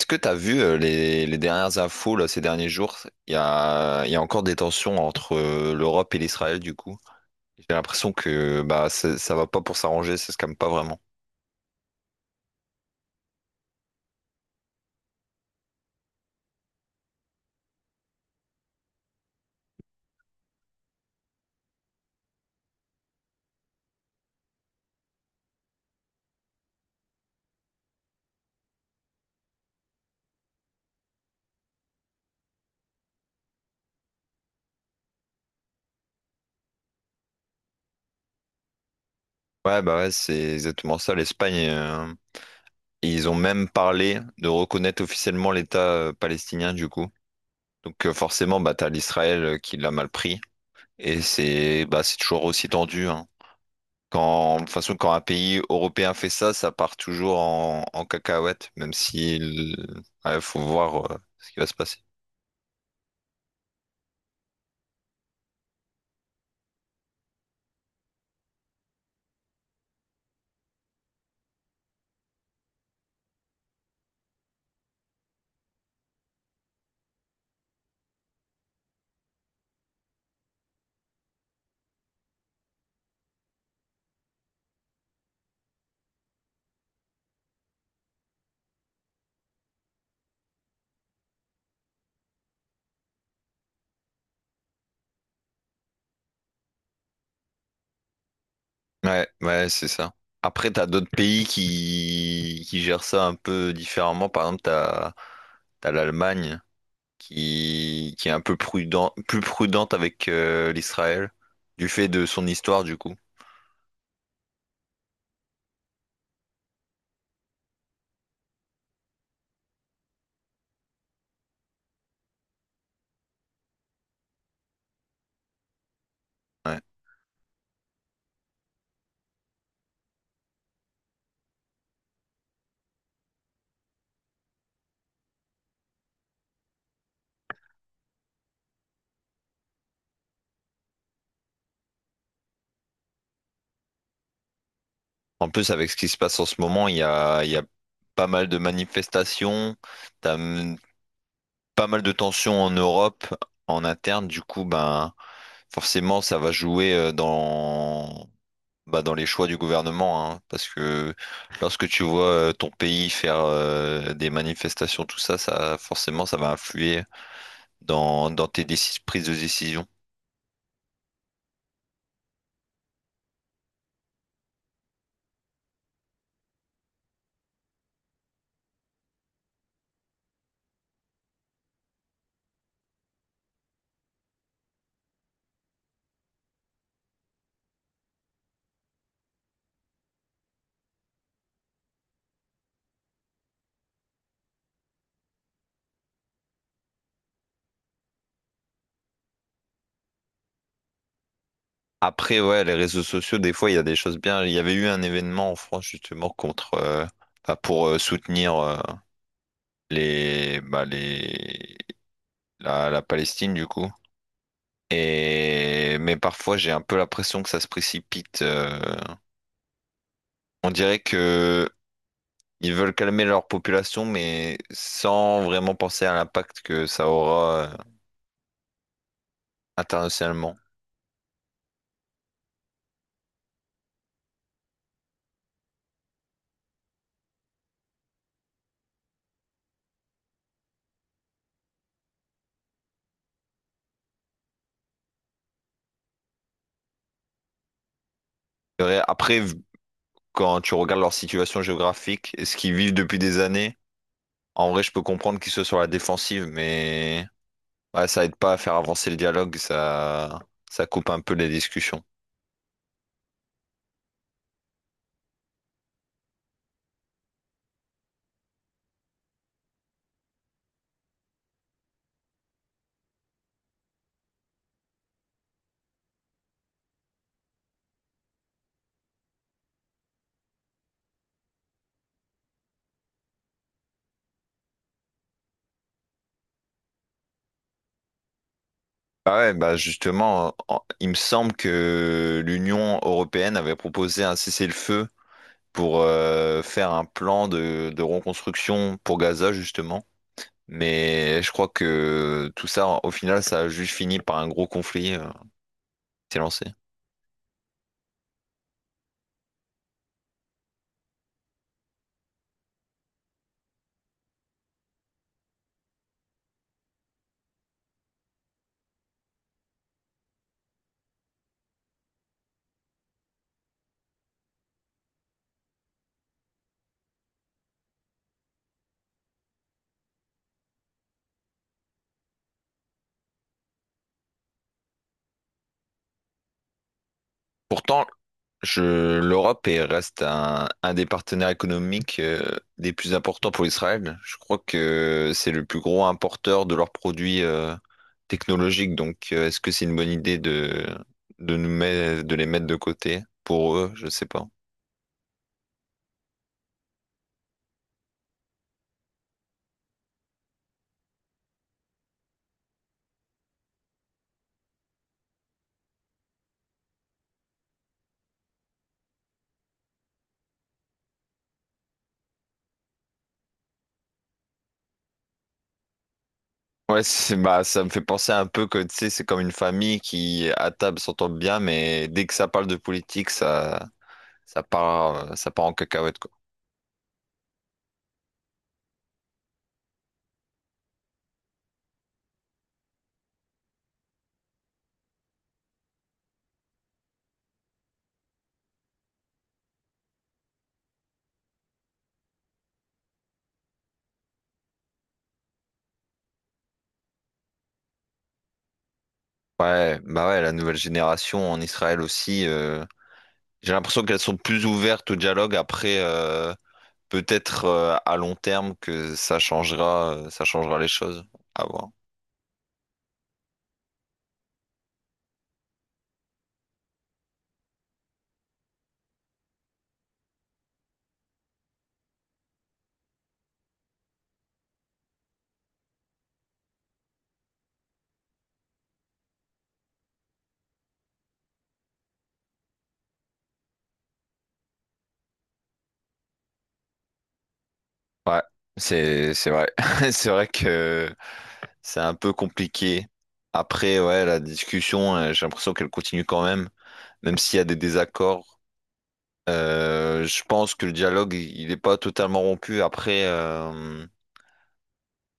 Est-ce que tu as vu les dernières infos là, ces derniers jours? Il y a encore des tensions entre l'Europe et l'Israël du coup. J'ai l'impression que bah ça va pas pour s'arranger, ça se calme pas vraiment. Ouais bah ouais, c'est exactement ça. L'Espagne, ils ont même parlé de reconnaître officiellement l'État palestinien du coup. Donc forcément bah t'as l'Israël qui l'a mal pris et c'est toujours aussi tendu, hein. Quand, de toute façon, quand un pays européen fait ça, ça part toujours en cacahuète, même si il ouais, faut voir ce qui va se passer. Ouais, ouais, c'est ça. Après, t'as d'autres pays qui gèrent ça un peu différemment. Par exemple, t'as l'Allemagne qui est un peu plus prudente avec l'Israël, du fait de son histoire, du coup. Ouais. En plus, avec ce qui se passe en ce moment, il y a pas mal de manifestations, t'as pas mal de tensions en Europe, en interne. Du coup, ben, forcément, ça va jouer dans, bah, dans les choix du gouvernement, hein, parce que lorsque tu vois ton pays faire des manifestations, tout ça, ça, forcément, ça va influer dans, dans tes prises de décision. Après, ouais, les réseaux sociaux, des fois, il y a des choses bien. Il y avait eu un événement en France, justement, enfin, pour soutenir les, bah, les, la, la Palestine du coup. Et, mais parfois j'ai un peu l'impression que ça se précipite. On dirait que ils veulent calmer leur population, mais sans vraiment penser à l'impact que ça aura internationalement. C'est vrai. Après, quand tu regardes leur situation géographique et ce qu'ils vivent depuis des années, en vrai, je peux comprendre qu'ils soient sur la défensive, mais ouais, ça aide pas à faire avancer le dialogue, ça coupe un peu les discussions. Bah ouais, bah justement, il me semble que l'Union européenne avait proposé un cessez-le-feu pour faire un plan de reconstruction pour Gaza, justement. Mais je crois que tout ça, au final, ça a juste fini par un gros conflit qui s'est lancé. Pourtant, je, l'Europe reste un des partenaires économiques des plus importants pour Israël. Je crois que c'est le plus gros importeur de leurs produits technologiques. Donc, est-ce que c'est une bonne idée de, de les mettre de côté pour eux? Je sais pas. Ouais, c'est, bah, ça me fait penser un peu que, tu sais, c'est comme une famille qui, à table, s'entend bien, mais dès que ça parle de politique, ça, ça part en cacahuète, quoi. Ouais, bah ouais, la nouvelle génération en Israël aussi. J'ai l'impression qu'elles sont plus ouvertes au dialogue. Après, peut-être à long terme que ça changera les choses. À voir. Ouais, c'est vrai. C'est vrai que c'est un peu compliqué. Après, ouais, la discussion, j'ai l'impression qu'elle continue quand même, même s'il y a des désaccords. Je pense que le dialogue, il n'est pas totalement rompu. Après,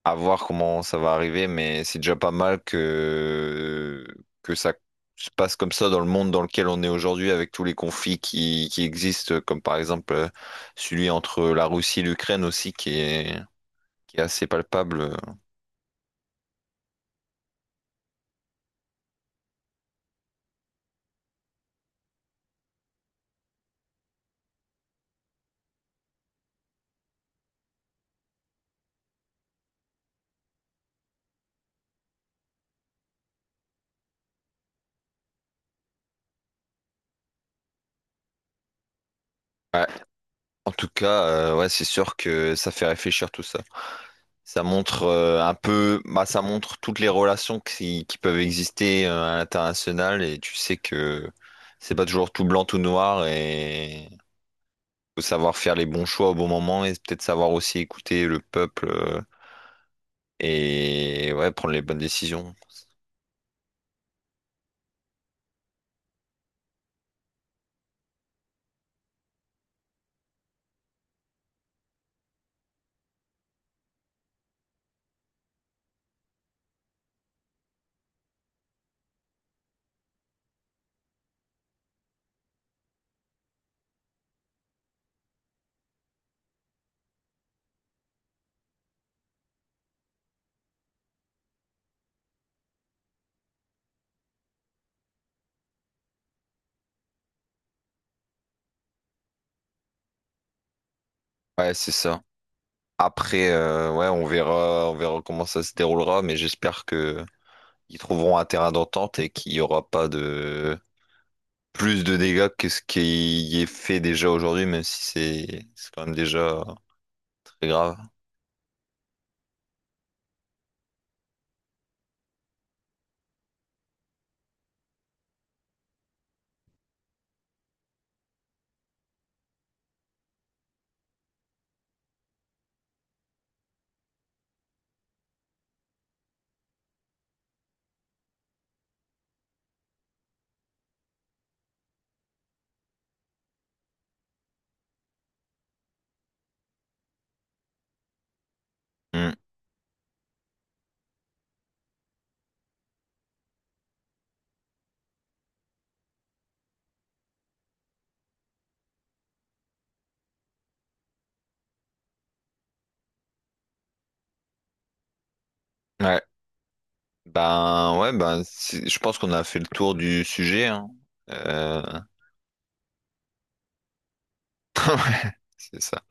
à voir comment ça va arriver, mais c'est déjà pas mal que ça se passe comme ça dans le monde dans lequel on est aujourd'hui, avec tous les conflits qui existent, comme par exemple celui entre la Russie et l'Ukraine aussi, qui est assez palpable. Ouais. En tout cas, ouais, c'est sûr que ça fait réfléchir tout ça. Ça montre un peu, bah, ça montre toutes les relations qui peuvent exister à l'international, et tu sais que c'est pas toujours tout blanc, tout noir, et faut savoir faire les bons choix au bon moment et peut-être savoir aussi écouter le peuple et ouais, prendre les bonnes décisions. Ouais, c'est ça. Après, ouais, on verra comment ça se déroulera, mais j'espère que ils trouveront un terrain d'entente et qu'il n'y aura pas de plus de dégâts que ce qui est fait déjà aujourd'hui, même si c'est quand même déjà très grave. Hmm. Ouais. Ben ouais, ben je pense qu'on a fait le tour du sujet, hein. Euh, ouais, c'est ça.